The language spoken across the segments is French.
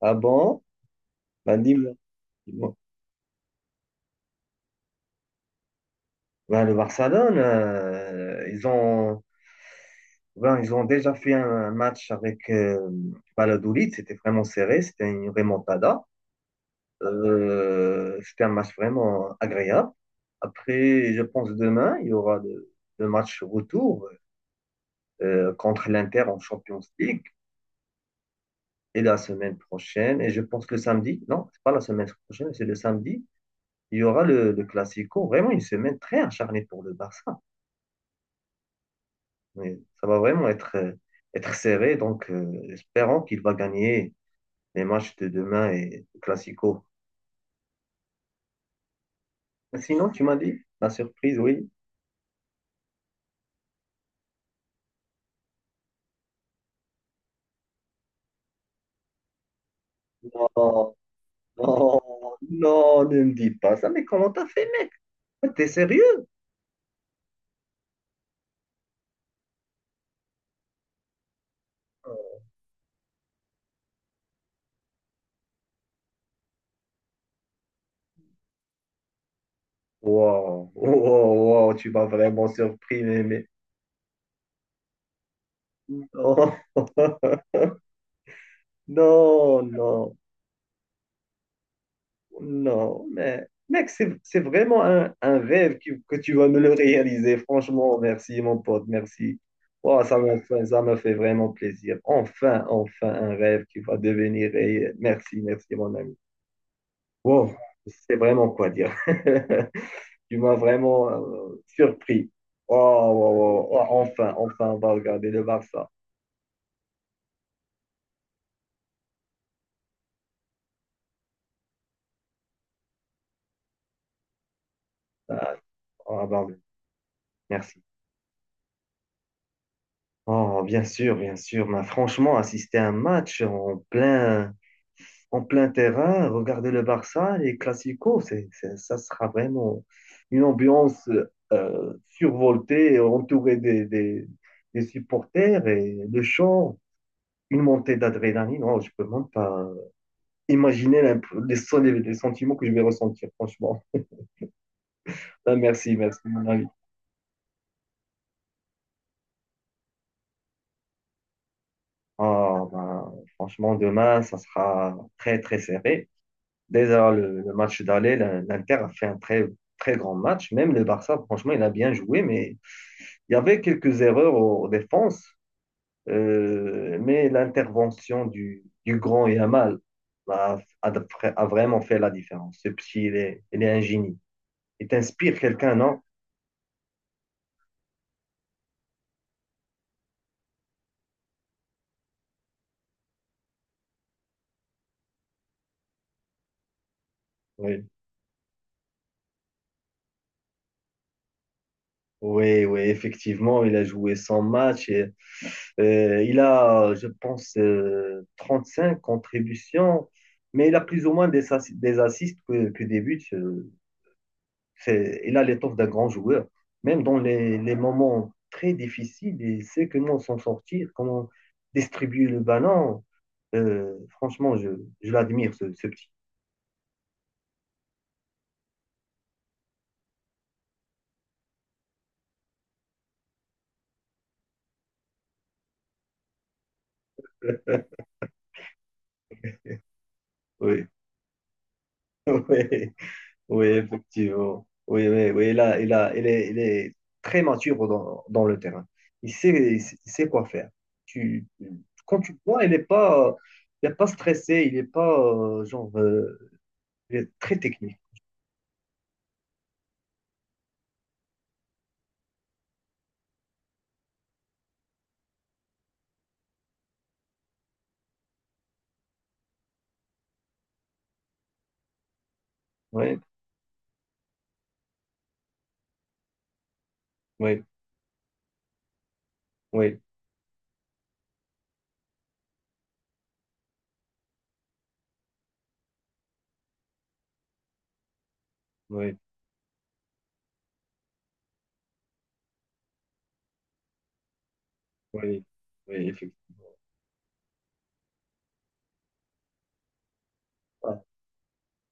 Ah bon? Ben dis-moi. Dis-moi. Ben, le Barcelone, ben, ils ont déjà fait un match avec Valladolid. C'était vraiment serré. C'était une remontada. C'était un match vraiment agréable. Après, je pense demain, il y aura le match retour contre l'Inter en Champions League. Et la semaine prochaine, et je pense le samedi, non, c'est pas la semaine prochaine, c'est le samedi, il y aura le Classico. Vraiment une semaine très acharnée pour le Barça. Mais ça va vraiment être serré, donc espérons qu'il va gagner les matchs de demain et le Classico. Sinon, tu m'as dit la surprise, oui. Non, non, non, ne me dis pas ça, mais comment t'as fait, mec? T'es sérieux? Wow, wow, wow, tu m'as vraiment surpris, mais... Non, non, non. Non, mais mec, c'est vraiment un rêve que tu vas me le réaliser. Franchement, merci mon pote, merci. Oh, ça m'a fait vraiment plaisir. Enfin, enfin, un rêve qui va devenir réel. Merci, merci mon ami. Wow, c'est vraiment quoi dire. Tu m'as vraiment surpris. Oh, oh, oh, oh, enfin, enfin, on va regarder le Barça. Ah, oh, bah, merci. Oh, bien sûr, bien sûr. Mais franchement, assister à un match en plein terrain, regarder le Barça, les Clasico, ça sera vraiment une ambiance survoltée, entourée des supporters et le chant, une montée d'adrénaline. Non, je peux même pas imaginer les sentiments que je vais ressentir, franchement. Ah, merci, merci, mon ami. Ah, ben, franchement, demain, ça sera très, très serré. Déjà, le match d'aller, l'Inter a fait un très, très grand match. Même le Barça, franchement, il a bien joué, mais il y avait quelques erreurs en défense, mais l'intervention du grand Yamal a, a, a vraiment fait la différence. Ce petit, il est un génie. Il t'inspire quelqu'un, non? Oui. Oui, oui, effectivement, il a joué 100 matchs. Et, il a, je pense, cinq contributions, mais il a plus ou moins des assists que des buts. Il a l'étoffe d'un grand joueur. Même dans les moments très difficiles, il sait comment s'en sortir, comment distribuer le ballon. Franchement, je l'admire, ce petit. Oui, oui, oui, effectivement. Oui, oui, oui. Il est très mature dans le terrain. Il sait quoi faire. Tu, Quand tu le vois, il est pas stressé, il n'est pas genre il est très technique. Oui, oui, oui, oui. Oui, oui, effectivement.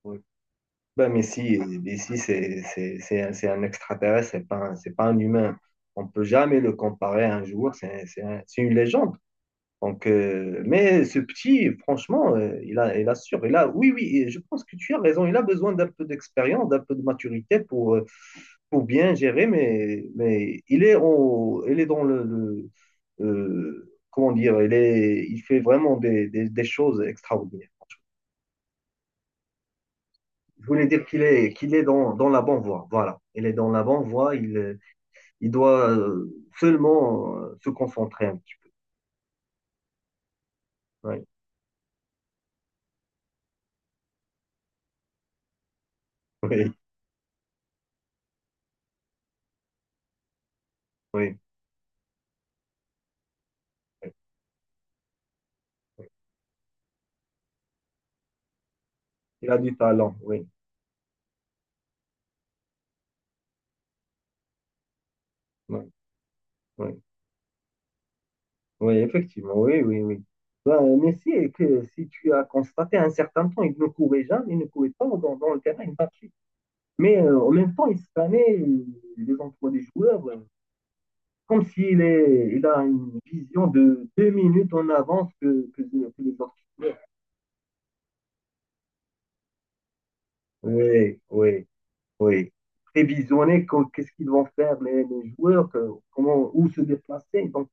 Oui. Ben, mais si, Messi, c'est un extraterrestre, c'est pas un humain. On peut jamais le comparer à un joueur, c'est une légende. Donc, mais ce petit, franchement, il assure. Oui, oui, et je pense que tu as raison. Il a besoin d'un peu d'expérience, d'un peu de maturité pour bien gérer, mais il est dans le comment dire, il fait vraiment des choses extraordinaires. Je voulais dire qu'il est dans la bonne voie. Voilà. Il est dans la bonne voie. Il doit seulement se concentrer un petit peu. Oui, oui, oui. Oui. Il a du talent. Oui, oui, oui. Oui, effectivement. Oui, oui, oui. Ben, Messi, et que, si tu as constaté un certain temps, il ne courait jamais, il ne courait pas dans le terrain, il marchait. Mais en même temps, il scannait les emplois des joueurs comme il a une vision de 2 minutes en avance que les autres. Oui, oui, oui. Prévisionner qu'est-ce qu'ils vont faire les joueurs, comment, où se déplacer. Donc,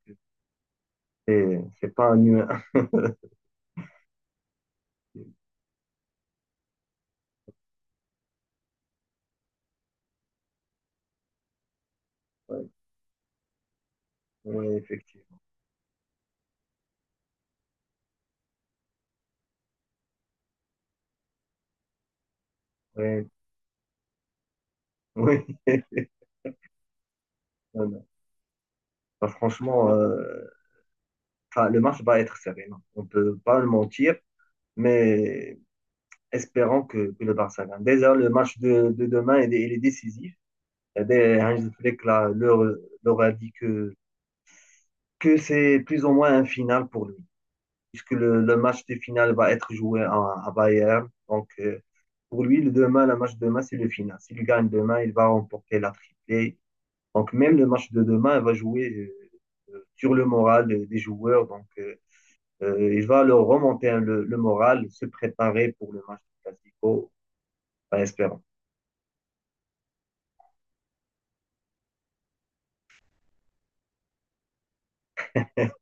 c'est pas un humain. Oui, ouais, effectivement. Oui, oui. Non, non. Bah, franchement, enfin, le match va être serré. Non. On peut pas le mentir, mais espérons que le Barça gagne. Déjà, le match de demain, il est décisif. Et dès Hansi Flick là, leur a dit que c'est plus ou moins un final pour lui. Puisque le match de finale va être joué à Bayern. Donc, pour lui, le match de demain, c'est le final. S'il gagne demain, il va remporter la triplée. Donc, même le match de demain, il va jouer sur le moral des joueurs. Donc, il va leur remonter hein, le moral, se préparer pour le match du Classico, en espérant.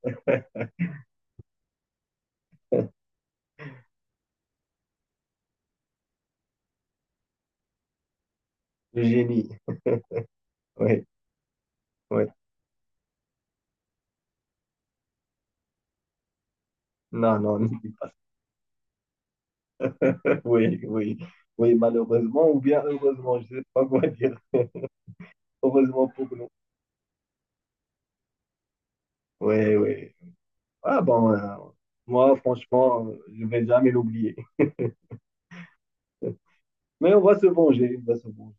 Le génie, oui, oui. Non, non, ne pas ça. Oui, oui, oui, malheureusement ou bien heureusement, je ne sais pas quoi dire. Heureusement pour nous. Oui, oui. Ah bon, moi, franchement, je vais jamais l'oublier. Mais on va se venger, on va se venger.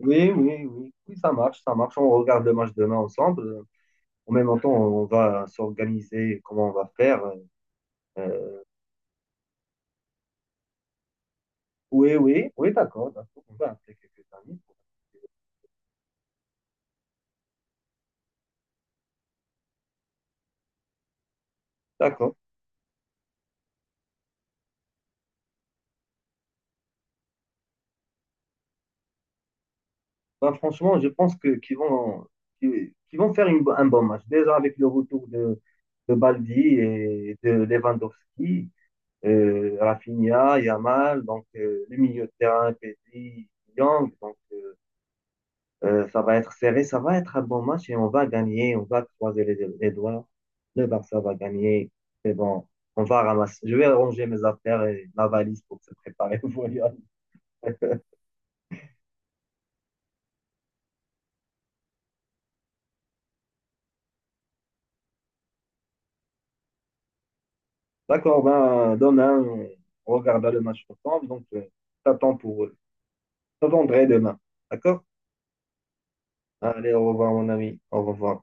Oui, oui, oui, oui, ça marche, ça marche. On regarde le match demain ensemble. En même temps, on va s'organiser comment on va faire. Euh, oui, oui, oui, d'accord, d'accord. On va appeler quelques amis. D'accord. Ben, franchement, je pense que qu'ils vont, qu'ils qu'ils vont faire une un bon match. Déjà avec le retour de Baldi et de Lewandowski, Rafinha, Yamal, donc le milieu de terrain, Pedri, Young, donc ça va être serré, ça va être un bon match et on va gagner, on va croiser les doigts, le Barça va gagner, c'est bon, on va ramasser, je vais ranger mes affaires et ma valise pour se préparer au voyage. D'accord, ben demain, on regardera le match ensemble, donc t'attends pour, t'attendrai demain, d'accord? Allez, au revoir mon ami, au revoir.